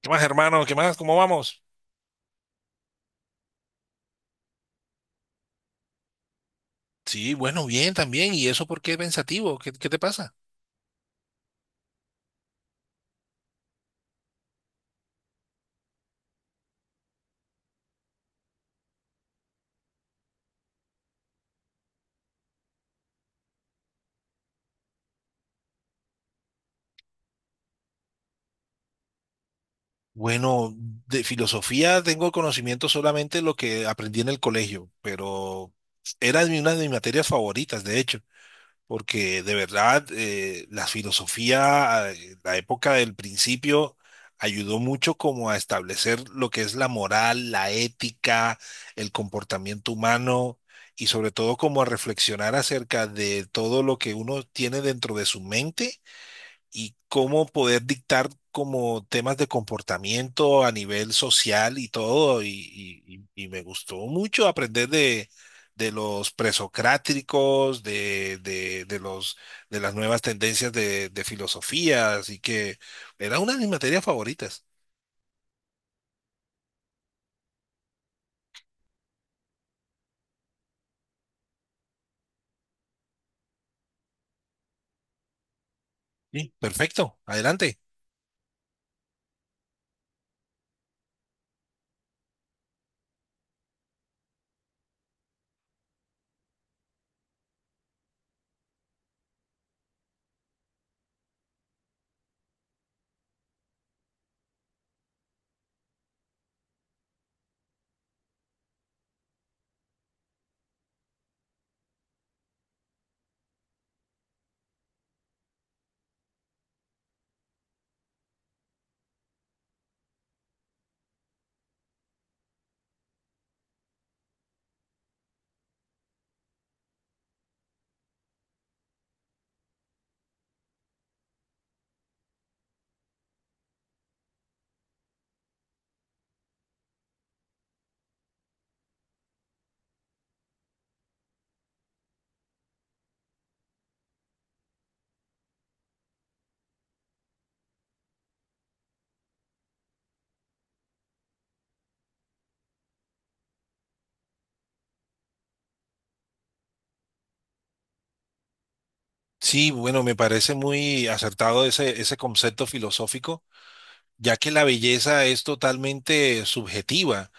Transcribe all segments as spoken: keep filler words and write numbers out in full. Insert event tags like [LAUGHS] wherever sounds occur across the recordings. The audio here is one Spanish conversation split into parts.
¿Qué más, hermano? ¿Qué más? ¿Cómo vamos? Sí, bueno, bien también. ¿Y eso por qué pensativo? ¿Qué, qué te pasa? Bueno, de filosofía tengo conocimiento solamente lo que aprendí en el colegio, pero era de una de mis materias favoritas, de hecho. Porque de verdad eh, la filosofía, eh, la época del principio, ayudó mucho como a establecer lo que es la moral, la ética, el comportamiento humano y sobre todo como a reflexionar acerca de todo lo que uno tiene dentro de su mente y cómo poder dictar como temas de comportamiento a nivel social y todo, y, y- y- y me gustó mucho aprender de, de los presocráticos, de, de, de los, de las nuevas tendencias de, de filosofía, así que era una de mis materias favoritas. Sí, perfecto, adelante. Sí, bueno, me parece muy acertado ese, ese concepto filosófico, ya que la belleza es totalmente subjetiva.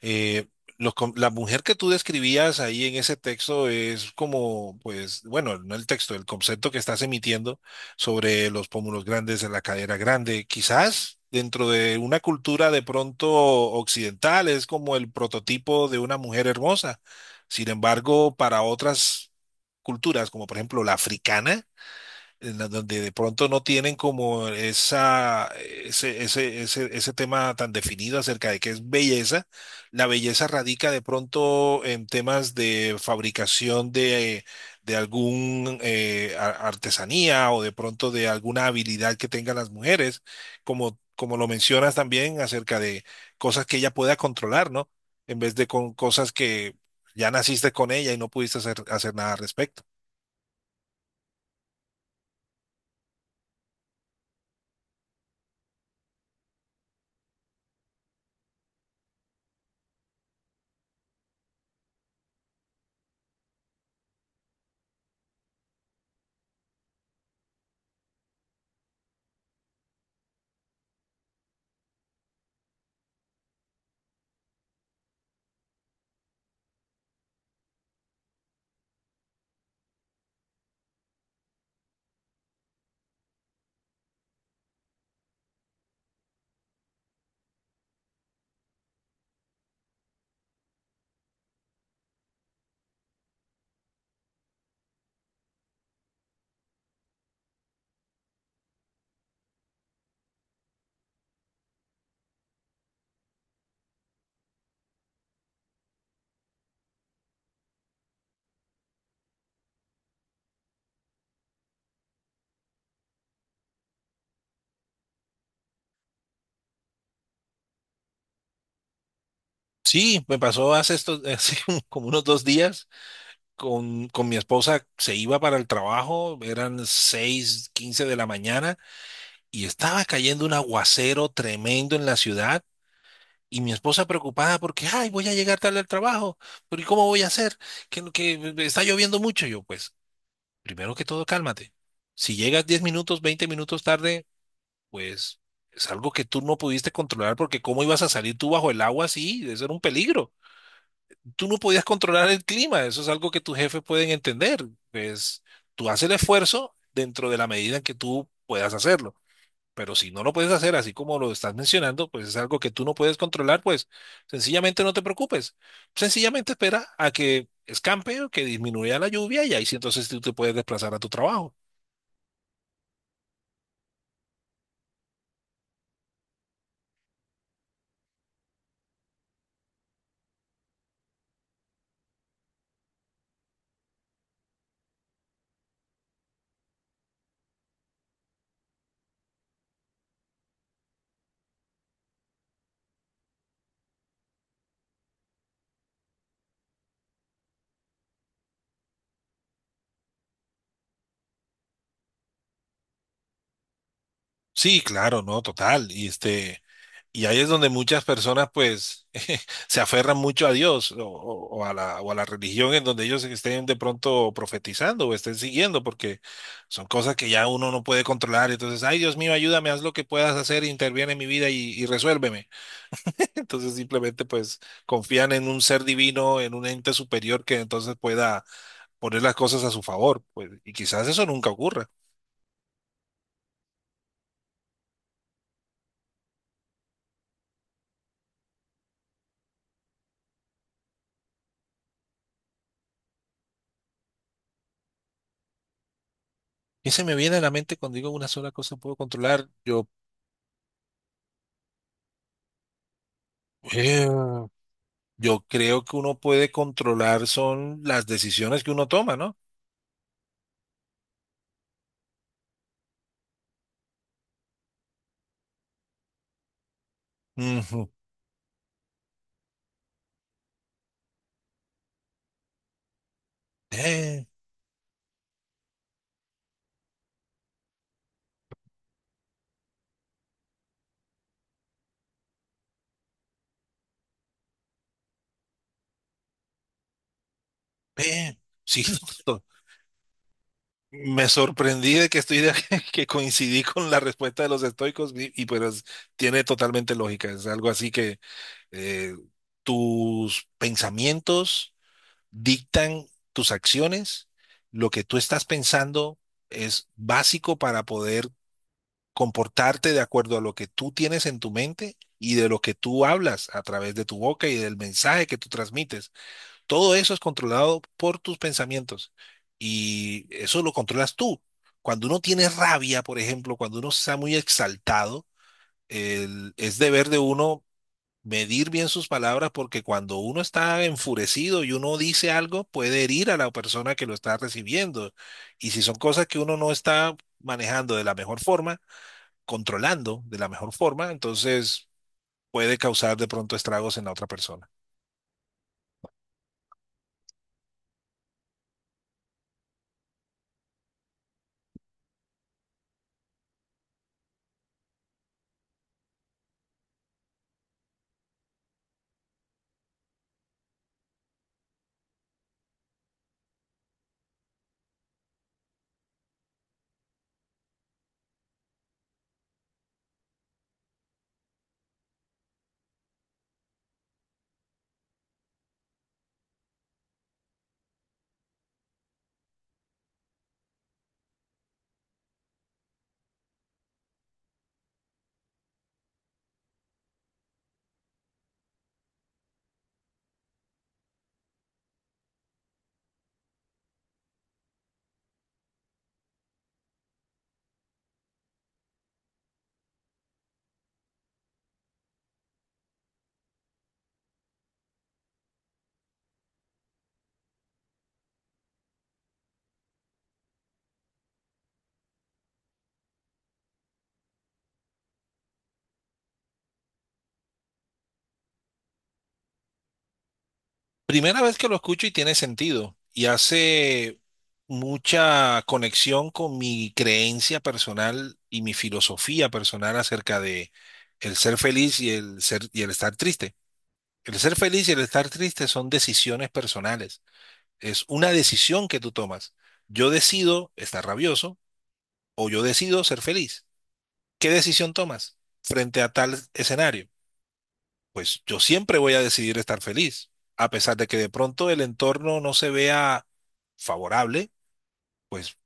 Eh, los com- la mujer que tú describías ahí en ese texto es como, pues, bueno, no el texto, el concepto que estás emitiendo sobre los pómulos grandes, la cadera grande. Quizás dentro de una cultura de pronto occidental es como el prototipo de una mujer hermosa. Sin embargo, para otras culturas, como por ejemplo la africana, en la- donde de pronto no tienen como esa, ese, ese, ese, ese tema tan definido acerca de qué es belleza. La belleza radica de pronto en temas de fabricación de, de algún eh, a- artesanía o de pronto de alguna habilidad que tengan las mujeres, como, como lo mencionas también acerca de cosas que ella pueda controlar, ¿no? En vez de con cosas que ya naciste con ella y no pudiste hacer, hacer nada al respecto. Sí, me pasó hace estos, hace [LAUGHS] como unos dos días con, con mi esposa, se iba para el trabajo, eran seis quince de la mañana y estaba cayendo un aguacero tremendo en la ciudad y mi esposa preocupada porque, ay, voy a llegar tarde al trabajo, pero ¿y cómo voy a hacer? Que, no, que está lloviendo mucho. Yo, pues, primero que todo, cálmate. Si llegas diez minutos, veinte minutos tarde, pues es algo que tú no pudiste controlar porque ¿cómo ibas a salir tú bajo el agua así? Eso era un peligro. Tú no podías controlar el clima, eso es algo que tus jefes pueden entender, pues tú haces el esfuerzo dentro de la medida en que tú puedas hacerlo, pero si no lo puedes hacer así como lo estás mencionando, pues es algo que tú no puedes controlar, pues sencillamente no te preocupes, sencillamente espera a que escampe o que disminuya la lluvia y ahí sí entonces tú te puedes desplazar a tu trabajo. Sí, claro, no, total, y este... Y ahí es donde muchas personas pues [LAUGHS] se aferran mucho a Dios o, o- o a la, o a la religión en donde ellos estén de pronto profetizando o estén siguiendo, porque son cosas que ya uno no puede controlar. Entonces, ay Dios mío, ayúdame, haz lo que puedas hacer, interviene en mi vida y, y resuélveme. [LAUGHS] Entonces simplemente pues confían en un ser divino, en un ente superior que entonces pueda poner las cosas a su favor, pues, y quizás eso nunca ocurra. Y se me viene a la mente cuando digo una sola cosa puedo controlar, yo... [LAUGHS] Yo creo que uno puede controlar son las decisiones que uno toma, ¿no? Ujú. Eh, Ve, sí, [LAUGHS] me sorprendí de que estoy de- [LAUGHS] que coincidí con la respuesta de los estoicos y, y pues tiene totalmente lógica. Es algo así que eh, tus pensamientos dictan tus acciones. Lo que tú estás pensando es básico para poder comportarte de acuerdo a lo que tú tienes en tu mente y de lo que tú hablas a través de tu boca y del mensaje que tú transmites. Todo eso es controlado por tus pensamientos y eso lo controlas tú. Cuando uno tiene rabia, por ejemplo, cuando uno está muy exaltado, el- es deber de uno medir bien sus palabras porque cuando uno está enfurecido y uno dice algo, puede herir a la persona que lo está recibiendo. Y si son cosas que uno no está manejando de la mejor forma, controlando de la mejor forma, entonces puede causar de pronto estragos en la otra persona. Primera vez que lo escucho y tiene sentido. Y hace mucha conexión con mi creencia personal y mi filosofía personal acerca de el ser feliz y el ser y el estar triste. El ser feliz y el estar triste son decisiones personales. Es una decisión que tú tomas. Yo decido estar rabioso o yo decido ser feliz. ¿Qué decisión tomas frente a tal escenario? Pues yo siempre voy a decidir estar feliz, a pesar de que de pronto el entorno no se vea favorable, pues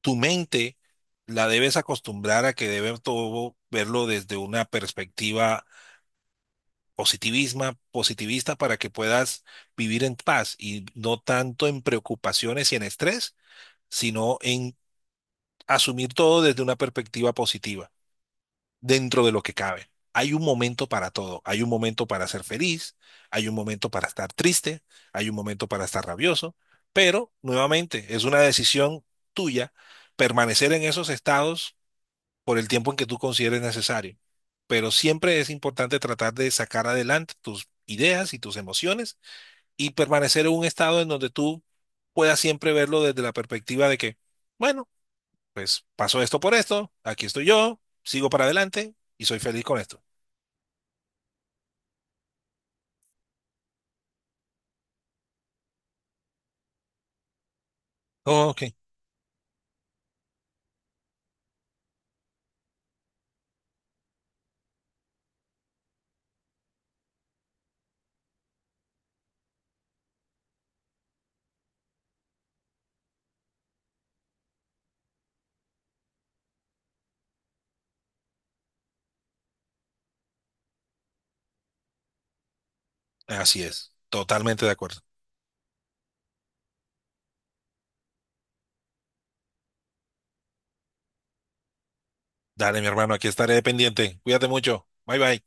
tu mente la debes acostumbrar a que debe todo verlo desde una perspectiva positivismo- positivista para que puedas vivir en paz y no tanto en preocupaciones y en estrés, sino en asumir todo desde una perspectiva positiva, dentro de lo que cabe. Hay un momento para todo, hay un momento para ser feliz, hay un momento para estar triste, hay un momento para estar rabioso, pero nuevamente es una decisión tuya permanecer en esos estados por el tiempo en que tú consideres necesario. Pero siempre es importante tratar de sacar adelante tus ideas y tus emociones y permanecer en un estado en donde tú puedas siempre verlo desde la perspectiva de que, bueno, pues pasó esto por esto, aquí estoy yo, sigo para adelante y soy feliz con esto. Ok, así es, totalmente de acuerdo. Dale, mi hermano, aquí estaré pendiente. Cuídate mucho. Bye bye.